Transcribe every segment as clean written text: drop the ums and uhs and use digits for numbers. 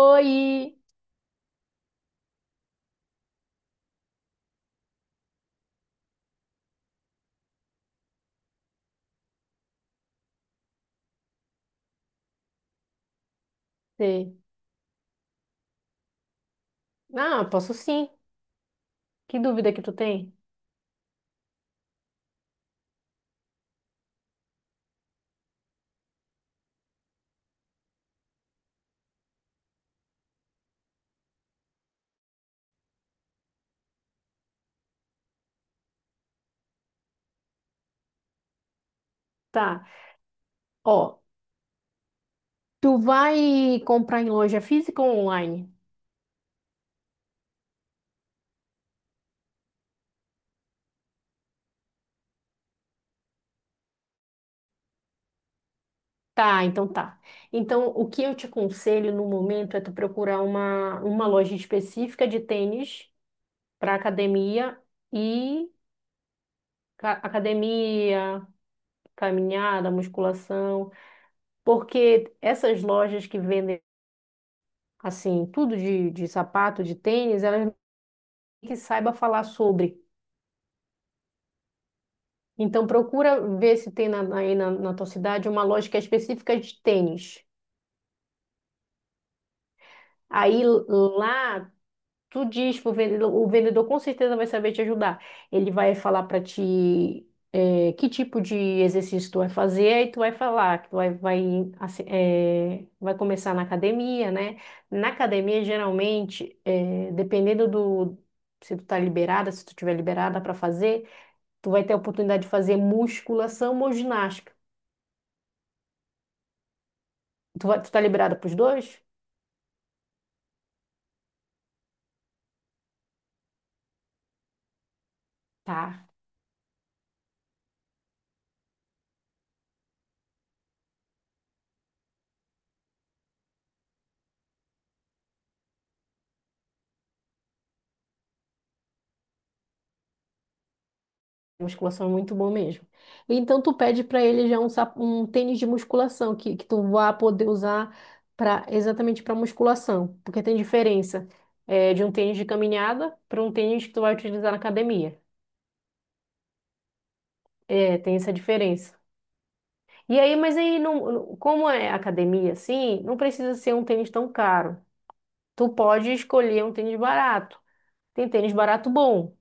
Oi! Sei. Ah, posso sim. Que dúvida que tu tem? Tá. Ó, tu vai comprar em loja física ou online? Tá. Então, o que eu te aconselho no momento é tu procurar uma loja específica de tênis para academia e academia, caminhada, musculação, porque essas lojas que vendem assim, tudo de sapato, de tênis, elas que saiba falar sobre. Então procura ver se tem na tua cidade uma loja que é específica de tênis. Aí lá tu diz pro vendedor, o vendedor com certeza vai saber te ajudar. Ele vai falar para ti que tipo de exercício tu vai fazer, aí tu vai falar que assim, vai começar na academia, né? Na academia, geralmente, dependendo do se tu tá liberada, se tu tiver liberada para fazer, tu vai ter a oportunidade de fazer musculação ou ginástica. Tu tá liberada pros dois? Tá. Musculação é muito bom mesmo. Então tu pede pra ele já um tênis de musculação que tu vá poder usar para exatamente para musculação, porque tem diferença de um tênis de caminhada para um tênis que tu vai utilizar na academia. É, tem essa diferença. E aí, mas aí não, não- como é academia assim, não precisa ser um tênis tão caro. Tu pode escolher um tênis barato. Tem tênis barato bom.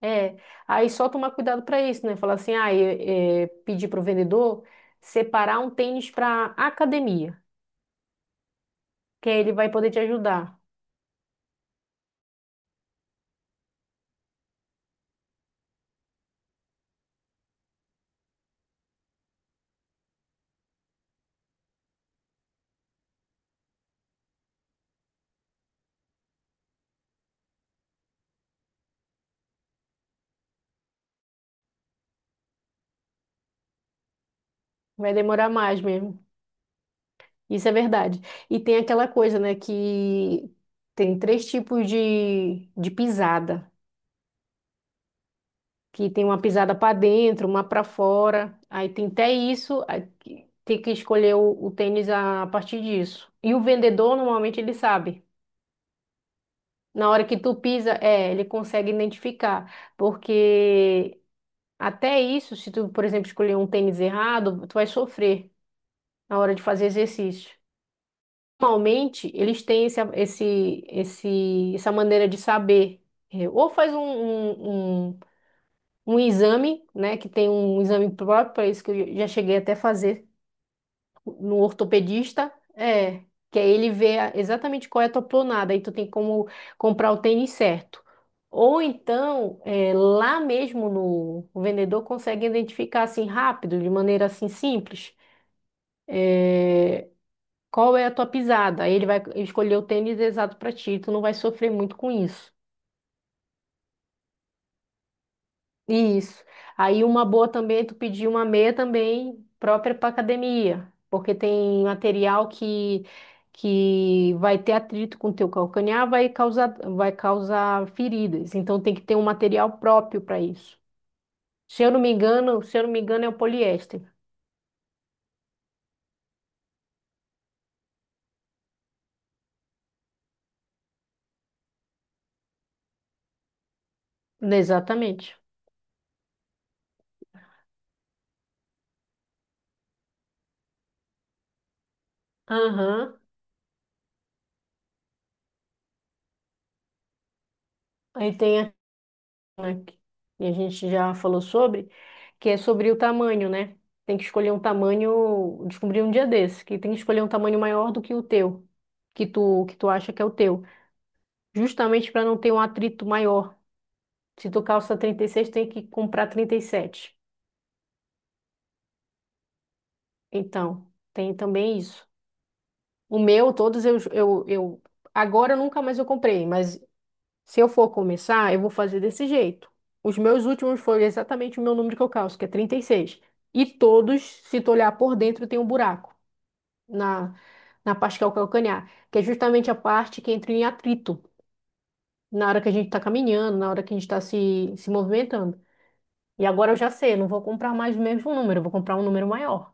É, aí só tomar cuidado para isso, né? Falar assim, pedir para o vendedor separar um tênis para academia, que aí ele vai poder te ajudar. Vai demorar mais mesmo. Isso é verdade. E tem aquela coisa, né, que tem três tipos de pisada, que tem uma pisada para dentro, uma para fora. Aí tem até isso, aí tem que escolher o tênis a partir disso. E o vendedor normalmente ele sabe. Na hora que tu pisa, ele consegue identificar, porque até isso, se tu, por exemplo, escolher um tênis errado, tu vai sofrer na hora de fazer exercício. Normalmente, eles têm essa maneira de saber. É, ou faz um exame, né, que tem um exame próprio para isso que eu já cheguei até a fazer no ortopedista, é, que aí exatamente qual é a tua pronada, aí tu tem como comprar o tênis certo. Ou então, é, lá mesmo no, o vendedor consegue identificar assim rápido, de maneira assim simples, é, qual é a tua pisada. Aí ele vai escolher o tênis exato para ti, tu não vai sofrer muito com isso. Isso. Aí uma boa também, é tu pedir uma meia também própria para academia, porque tem material que vai ter atrito com o teu calcanhar, vai causar feridas. Então tem que ter um material próprio para isso. Se eu não me engano é o poliéster. Exatamente. Aham. Aí tem né, que- E a gente já falou sobre, que é sobre o tamanho, né? Tem que escolher um tamanho, descobri um dia desse, que tem que escolher um tamanho maior do que o teu, que tu acha que é o teu, justamente para não ter um atrito maior. Se tu calça 36, tem que comprar 37. Então, tem também isso. O meu, todos eu agora nunca mais eu comprei, mas se eu for começar, eu vou fazer desse jeito. Os meus últimos foram exatamente o meu número que eu calço, que é 36. E seis. E todos, se tu olhar por dentro, tem um buraco na, na parte que é o calcanhar, que é justamente a parte que entra em atrito na hora que a gente está caminhando, na hora que a gente está se movimentando. E agora eu já sei, eu não vou comprar mais o mesmo número, eu vou comprar um número maior,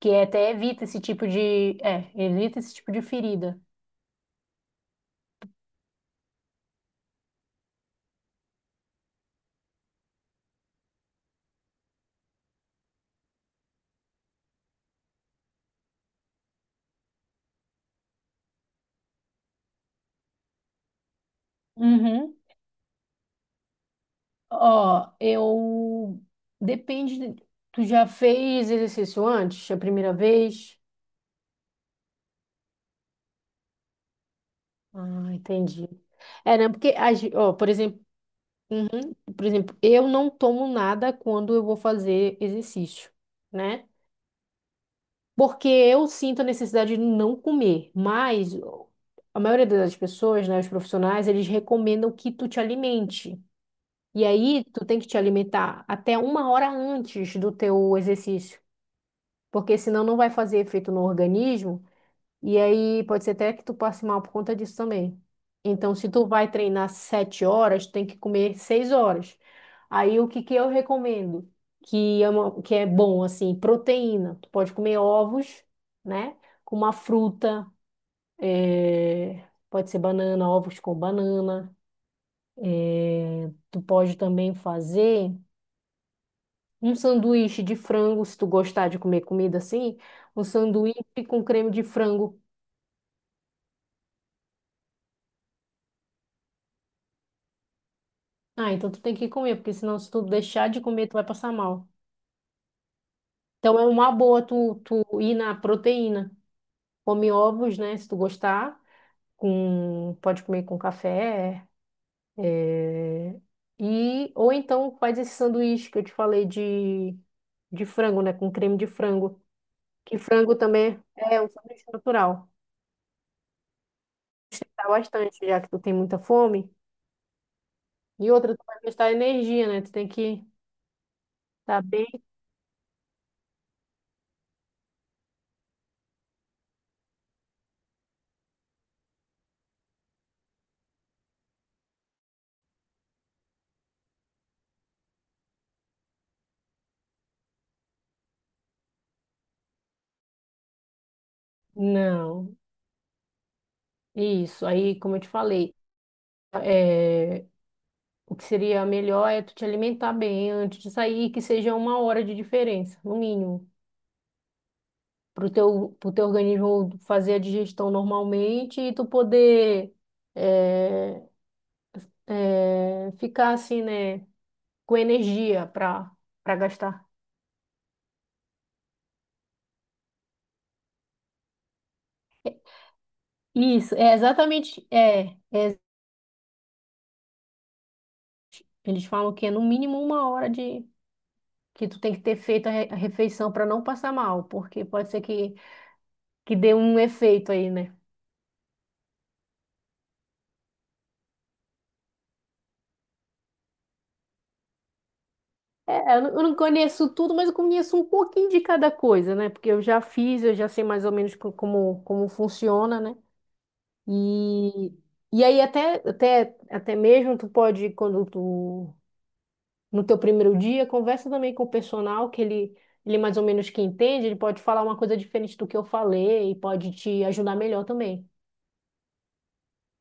que é até evita esse tipo evita esse tipo de ferida. Uhum. Ó, eu. Tu já fez exercício antes, a primeira vez? Ah, entendi. É, né? Porque, por exemplo, uhum, por exemplo, eu não tomo nada quando eu vou fazer exercício, né? Porque eu sinto a necessidade de não comer, mas a maioria das pessoas, né, os profissionais, eles recomendam que tu te alimente. E aí, tu tem que te alimentar até uma hora antes do teu exercício, porque senão não vai fazer efeito no organismo, e aí pode ser até que tu passe mal por conta disso também. Então, se tu vai treinar sete horas, tu tem que comer seis horas. Aí, o que que eu recomendo? Que é bom, assim, proteína. Tu pode comer ovos, né? Com uma fruta, pode ser banana, ovos com banana. Tu pode também fazer um sanduíche de frango, se tu gostar de comer comida assim, um sanduíche com creme de frango. Ah, então tu tem que comer, porque senão se tu deixar de comer, tu vai passar mal. Então é uma boa tu ir na proteína. Come ovos, né? Se tu gostar, com, pode comer com café. é, E, ou então faz esse sanduíche que eu te falei de frango, né? Com creme de frango. Que frango também é um sanduíche natural. Sustentar bastante, já que tu tem muita fome. E outra, tu vai gastar energia, né? Tu tem que estar bem. Não, isso. Aí, como eu te falei, é, o que seria melhor é tu te alimentar bem antes de sair, que seja uma hora de diferença, no mínimo, para pro teu organismo fazer a digestão normalmente e tu poder é, ficar assim, né? Com energia para gastar. Isso, é exatamente. É, eles falam que é no mínimo uma hora de que tu tem que ter feito a refeição para não passar mal, porque pode ser que dê um efeito aí, né? É, eu não conheço tudo, mas eu conheço um pouquinho de cada coisa, né? Porque eu já fiz, eu já sei mais ou menos como, como funciona, né? E, e aí até mesmo tu pode, quando tu, no teu primeiro dia, conversa também com o personal, que ele mais ou menos que entende, ele pode falar uma coisa diferente do que eu falei e pode te ajudar melhor também.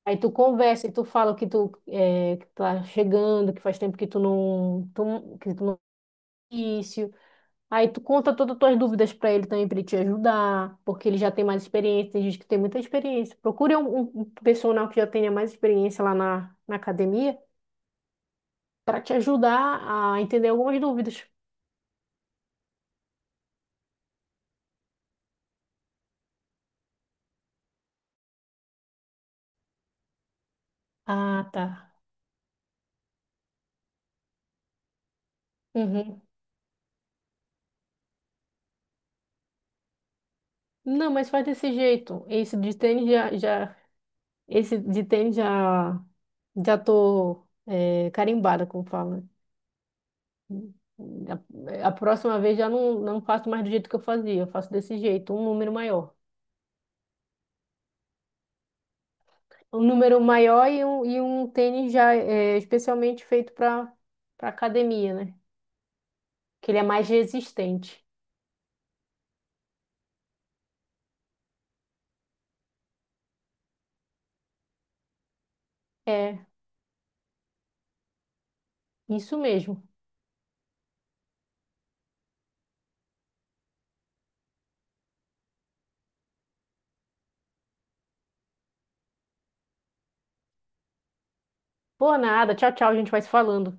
Aí tu conversa e tu fala que que tá chegando, que faz tempo que tu, não- que tu não início. Aí tu conta todas as tuas dúvidas para ele também, para ele te ajudar, porque ele já tem mais experiência, tem gente que tem muita experiência. Procure um personal que já tenha mais experiência lá na, na academia para te ajudar a entender algumas dúvidas. Ah, tá. Uhum. Não, mas faz desse jeito. Esse de tênis já, já tô é, carimbada, como fala. A próxima vez já não faço mais do jeito que eu fazia, eu faço desse jeito, um número maior. Um número maior e um tênis já é, especialmente feito para academia, né? Que ele é mais resistente. É, isso mesmo. Por nada, tchau, tchau, a gente vai se falando.